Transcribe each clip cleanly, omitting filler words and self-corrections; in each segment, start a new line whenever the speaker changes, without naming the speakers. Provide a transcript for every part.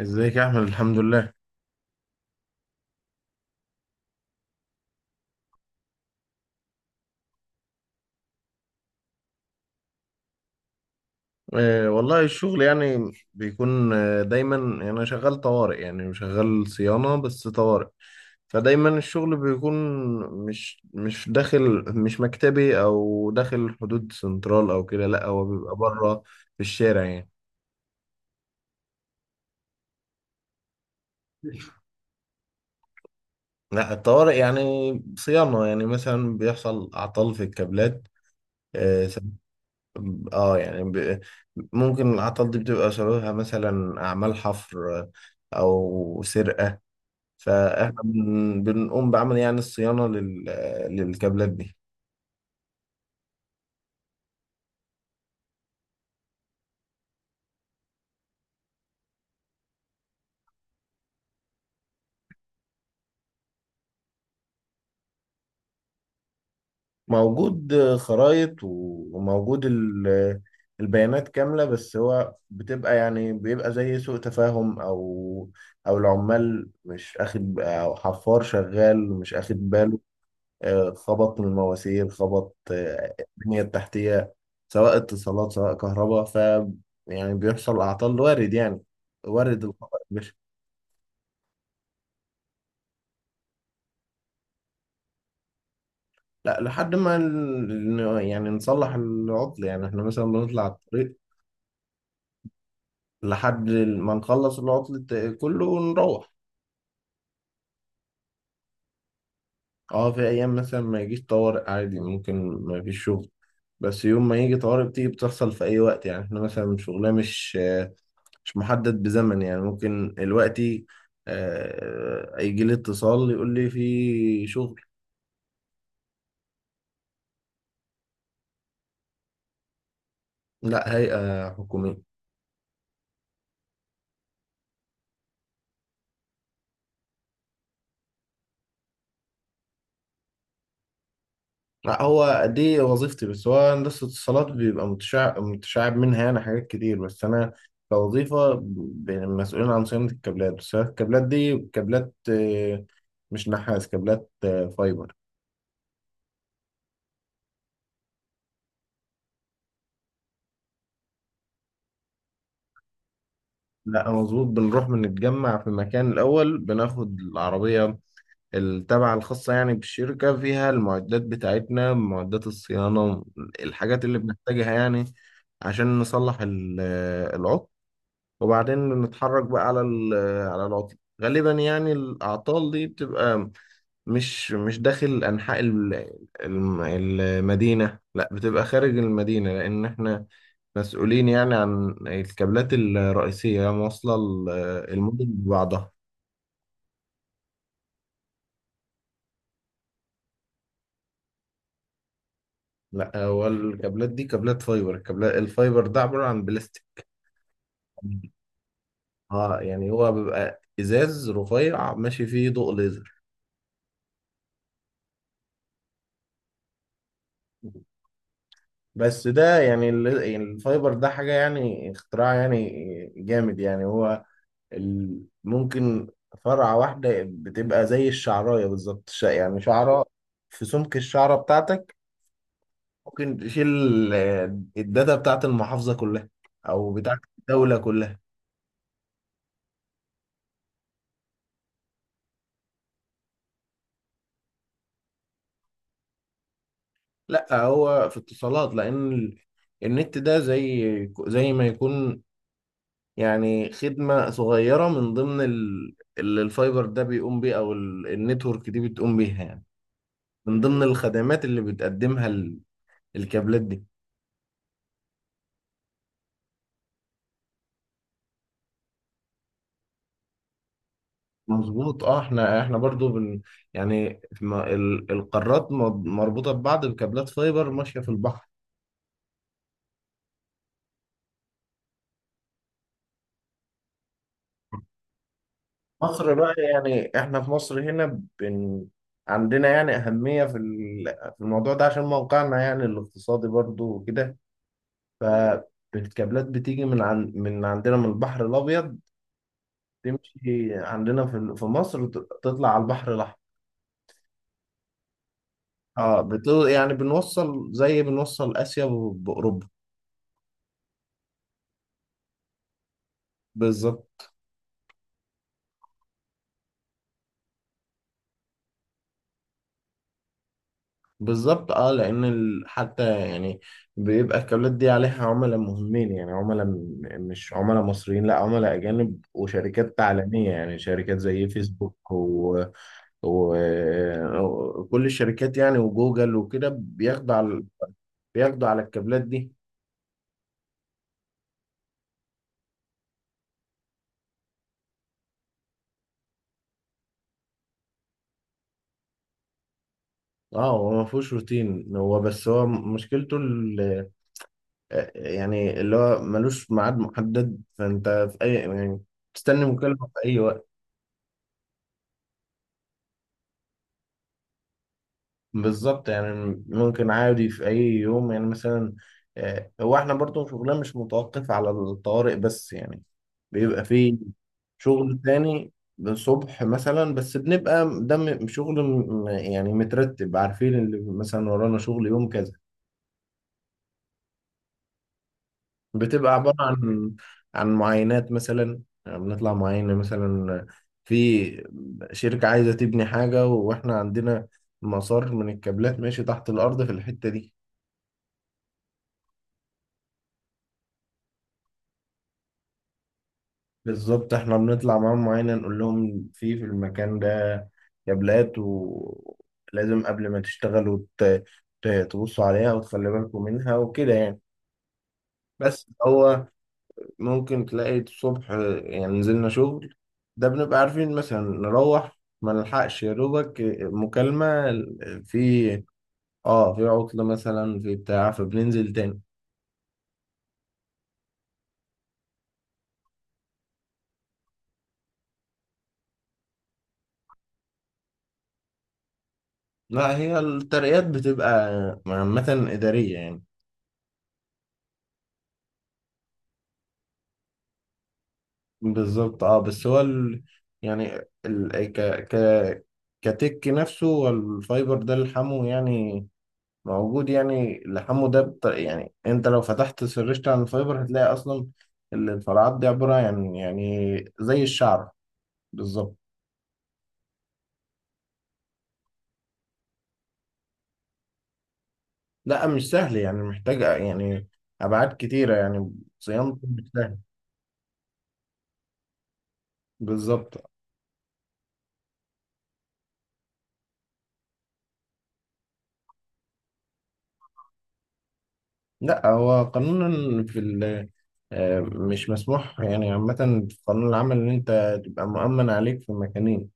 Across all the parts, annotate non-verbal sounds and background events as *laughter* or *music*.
ازيك يا احمد، الحمد لله. والله الشغل يعني بيكون دايما، يعني انا شغال طوارئ، يعني شغال صيانة بس طوارئ. فدايما الشغل بيكون مش داخل مش مكتبي او داخل حدود سنترال او كده، لا هو بيبقى بره في الشارع يعني. لا الطوارئ يعني صيانة، يعني مثلا بيحصل اعطال في الكابلات. آه، اه يعني ب... ممكن العطل دي بتبقى سببها مثلا أعمال حفر أو سرقة. بنقوم بعمل يعني الصيانة للكابلات دي. موجود خرايط وموجود البيانات كاملة، بس هو بتبقى يعني بيبقى زي سوء تفاهم، أو أو العمال مش أخد، أو حفار شغال مش أخد باله. خبط من المواسير، خبط البنية التحتية، سواء اتصالات سواء كهرباء. ف يعني بيحصل أعطال، وارد يعني، وارد الخطأ يا باشا. لا لحد ما ال- يعني نصلح العطل، يعني احنا مثلا بنطلع الطريق لحد ما نخلص العطل كله ونروح. اه في أيام مثلا ما يجيش طوارئ عادي، ممكن ما فيش شغل. بس يوم ما يجي طوارئ بتيجي، بتحصل في أي وقت، يعني احنا مثلا شغلنا مش محدد بزمن، يعني ممكن دلوقتي يجي لي اتصال يقول لي في شغل. لا هيئة حكومية. لا هو دي وظيفتي، بس هو هندسة اتصالات بيبقى متشعب منها يعني حاجات كتير، بس أنا كوظيفة مسؤولين عن صيانة الكابلات. بس الكابلات دي كابلات مش نحاس، كابلات فايبر. لا مظبوط، بنروح بنتجمع في مكان الأول، بناخد العربية التابعة الخاصة يعني بالشركة، فيها المعدات بتاعتنا، معدات الصيانة، الحاجات اللي بنحتاجها يعني عشان نصلح العطل. وبعدين نتحرك بقى على العطل. غالبا يعني الأعطال دي بتبقى مش داخل أنحاء المدينة، لا بتبقى خارج المدينة، لأن احنا مسؤولين يعني عن الكابلات الرئيسية، موصلة المدن ببعضها. لا هو الكابلات دي كابلات فايبر، الكابلات الفايبر ده عبارة عن بلاستيك. اه يعني هو بيبقى ازاز رفيع ماشي فيه ضوء ليزر. بس ده يعني يعني الفايبر ده حاجة يعني اختراع يعني جامد، يعني هو ممكن فرعة واحدة بتبقى زي الشعراية بالظبط، يعني شعرة في سمك الشعرة بتاعتك، ممكن تشيل الداتا بتاعت المحافظة كلها أو بتاعت الدولة كلها. لا هو في اتصالات، لان النت ده زي زي ما يكون يعني خدمة صغيرة من ضمن اللي الفايبر ده بيقوم بيه، او النتورك دي بتقوم بيها يعني، من ضمن الخدمات اللي بتقدمها الكابلات دي. مظبوط، اه احنا برضو بن يعني القارات مربوطة ببعض بكابلات فايبر ماشية في البحر. مصر بقى، يعني احنا في مصر هنا عندنا يعني أهمية في الموضوع ده عشان موقعنا يعني الاقتصادي برضو وكده. فالكابلات بتيجي من عندنا من البحر الأبيض، تمشي عندنا في مصر، تطلع على البحر الأحمر. اه بت... يعني بنوصل بنوصل آسيا بأوروبا. بالظبط بالظبط اه، لان حتى يعني بيبقى الكابلات دي عليها عملاء مهمين، يعني عملاء مش عملاء مصريين، لا عملاء اجانب وشركات عالميه، يعني شركات زي فيسبوك و- وكل الشركات يعني، وجوجل وكده بياخدوا على بياخدوا على الكابلات دي. اه هو ما فيهوش روتين، هو بس هو مشكلته يعني اللي هو ملوش ميعاد محدد، فانت في اي يعني تستني مكالمه في اي وقت. بالظبط، يعني ممكن عادي في اي يوم يعني مثلا هو احنا برضو شغلنا مش متوقف على الطوارئ بس يعني، بيبقى فيه شغل تاني الصبح مثلا. بس بنبقى دم شغل يعني مترتب، عارفين اللي مثلا ورانا شغل يوم كذا. بتبقى عبارة عن عن معاينات مثلا، يعني بنطلع معاينة مثلا في شركة عايزة تبني حاجة واحنا عندنا مسار من الكابلات ماشي تحت الأرض في الحتة دي. بالظبط، احنا بنطلع معاهم، معانا نقول لهم في في المكان ده كابلات، ولازم قبل ما تشتغلوا تبصوا عليها وتخلي بالكم منها وكده يعني. بس هو ممكن تلاقي الصبح يعني نزلنا شغل، ده بنبقى عارفين مثلا نروح، ما نلحقش يا دوبك مكالمة في اه في عطلة مثلا في بتاع فبننزل تاني. لا هي الترقيات بتبقى عامة إدارية يعني. بالظبط اه، بس هو ال... يعني ال... ك... ك... كتك نفسه والفايبر ده لحمه يعني موجود، يعني لحمه ده يعني انت لو فتحت سرشت عن الفايبر هتلاقي اصلا الفرعات دي عبارة يعني يعني زي الشعر بالظبط. لا مش سهل، يعني محتاج يعني ابعاد كتيرة يعني، صيانته مش سهل. بالظبط. لا هو قانونا في ال مش مسموح يعني عامة في قانون العمل إن أنت تبقى مؤمن عليك في مكانين.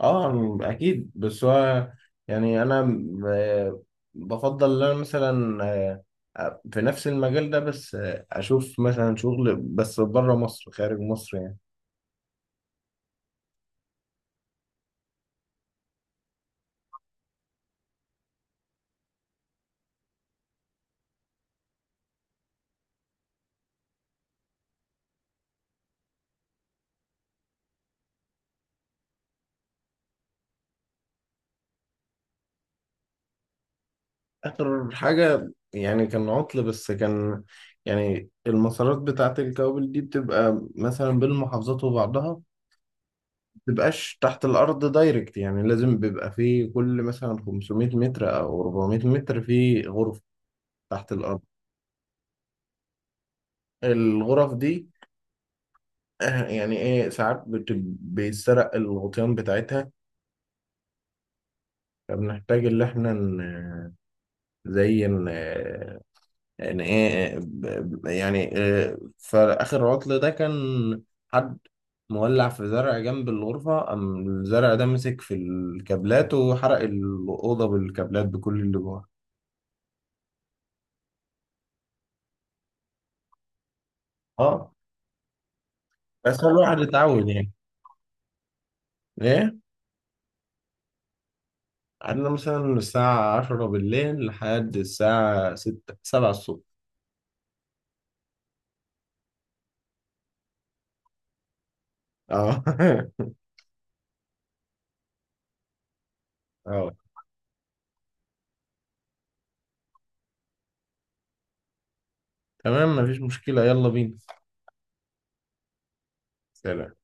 أه أكيد بس هو يعني أنا آه، بفضل إن أنا مثلا في نفس المجال ده، بس أشوف مثلا شغل بس بره مصر، خارج مصر يعني. آخر حاجة يعني كان عطل، بس كان يعني المسارات بتاعة الكوابل دي بتبقى مثلا بين المحافظات وبعضها، تبقاش تحت الأرض دايركت يعني، لازم بيبقى في كل مثلا 500 متر أو 400 متر في غرفة تحت الأرض. الغرف دي يعني إيه ساعات بيتسرق الغطيان بتاعتها، فبنحتاج إن إحنا ن- زي إن إن إيه يعني فآخر عطل ده كان حد مولع في زرع جنب الغرفة، قام الزرع ده مسك في الكابلات وحرق الأوضة بالكابلات بكل اللي جواها. اه، بس خلي الواحد يتعود يعني. ايه قعدنا مثلا من الساعة 10 بالليل لحد الساعة 6 7 الصبح. اه *laughs* اه. تمام مفيش مشكلة، يلا بينا. سلام.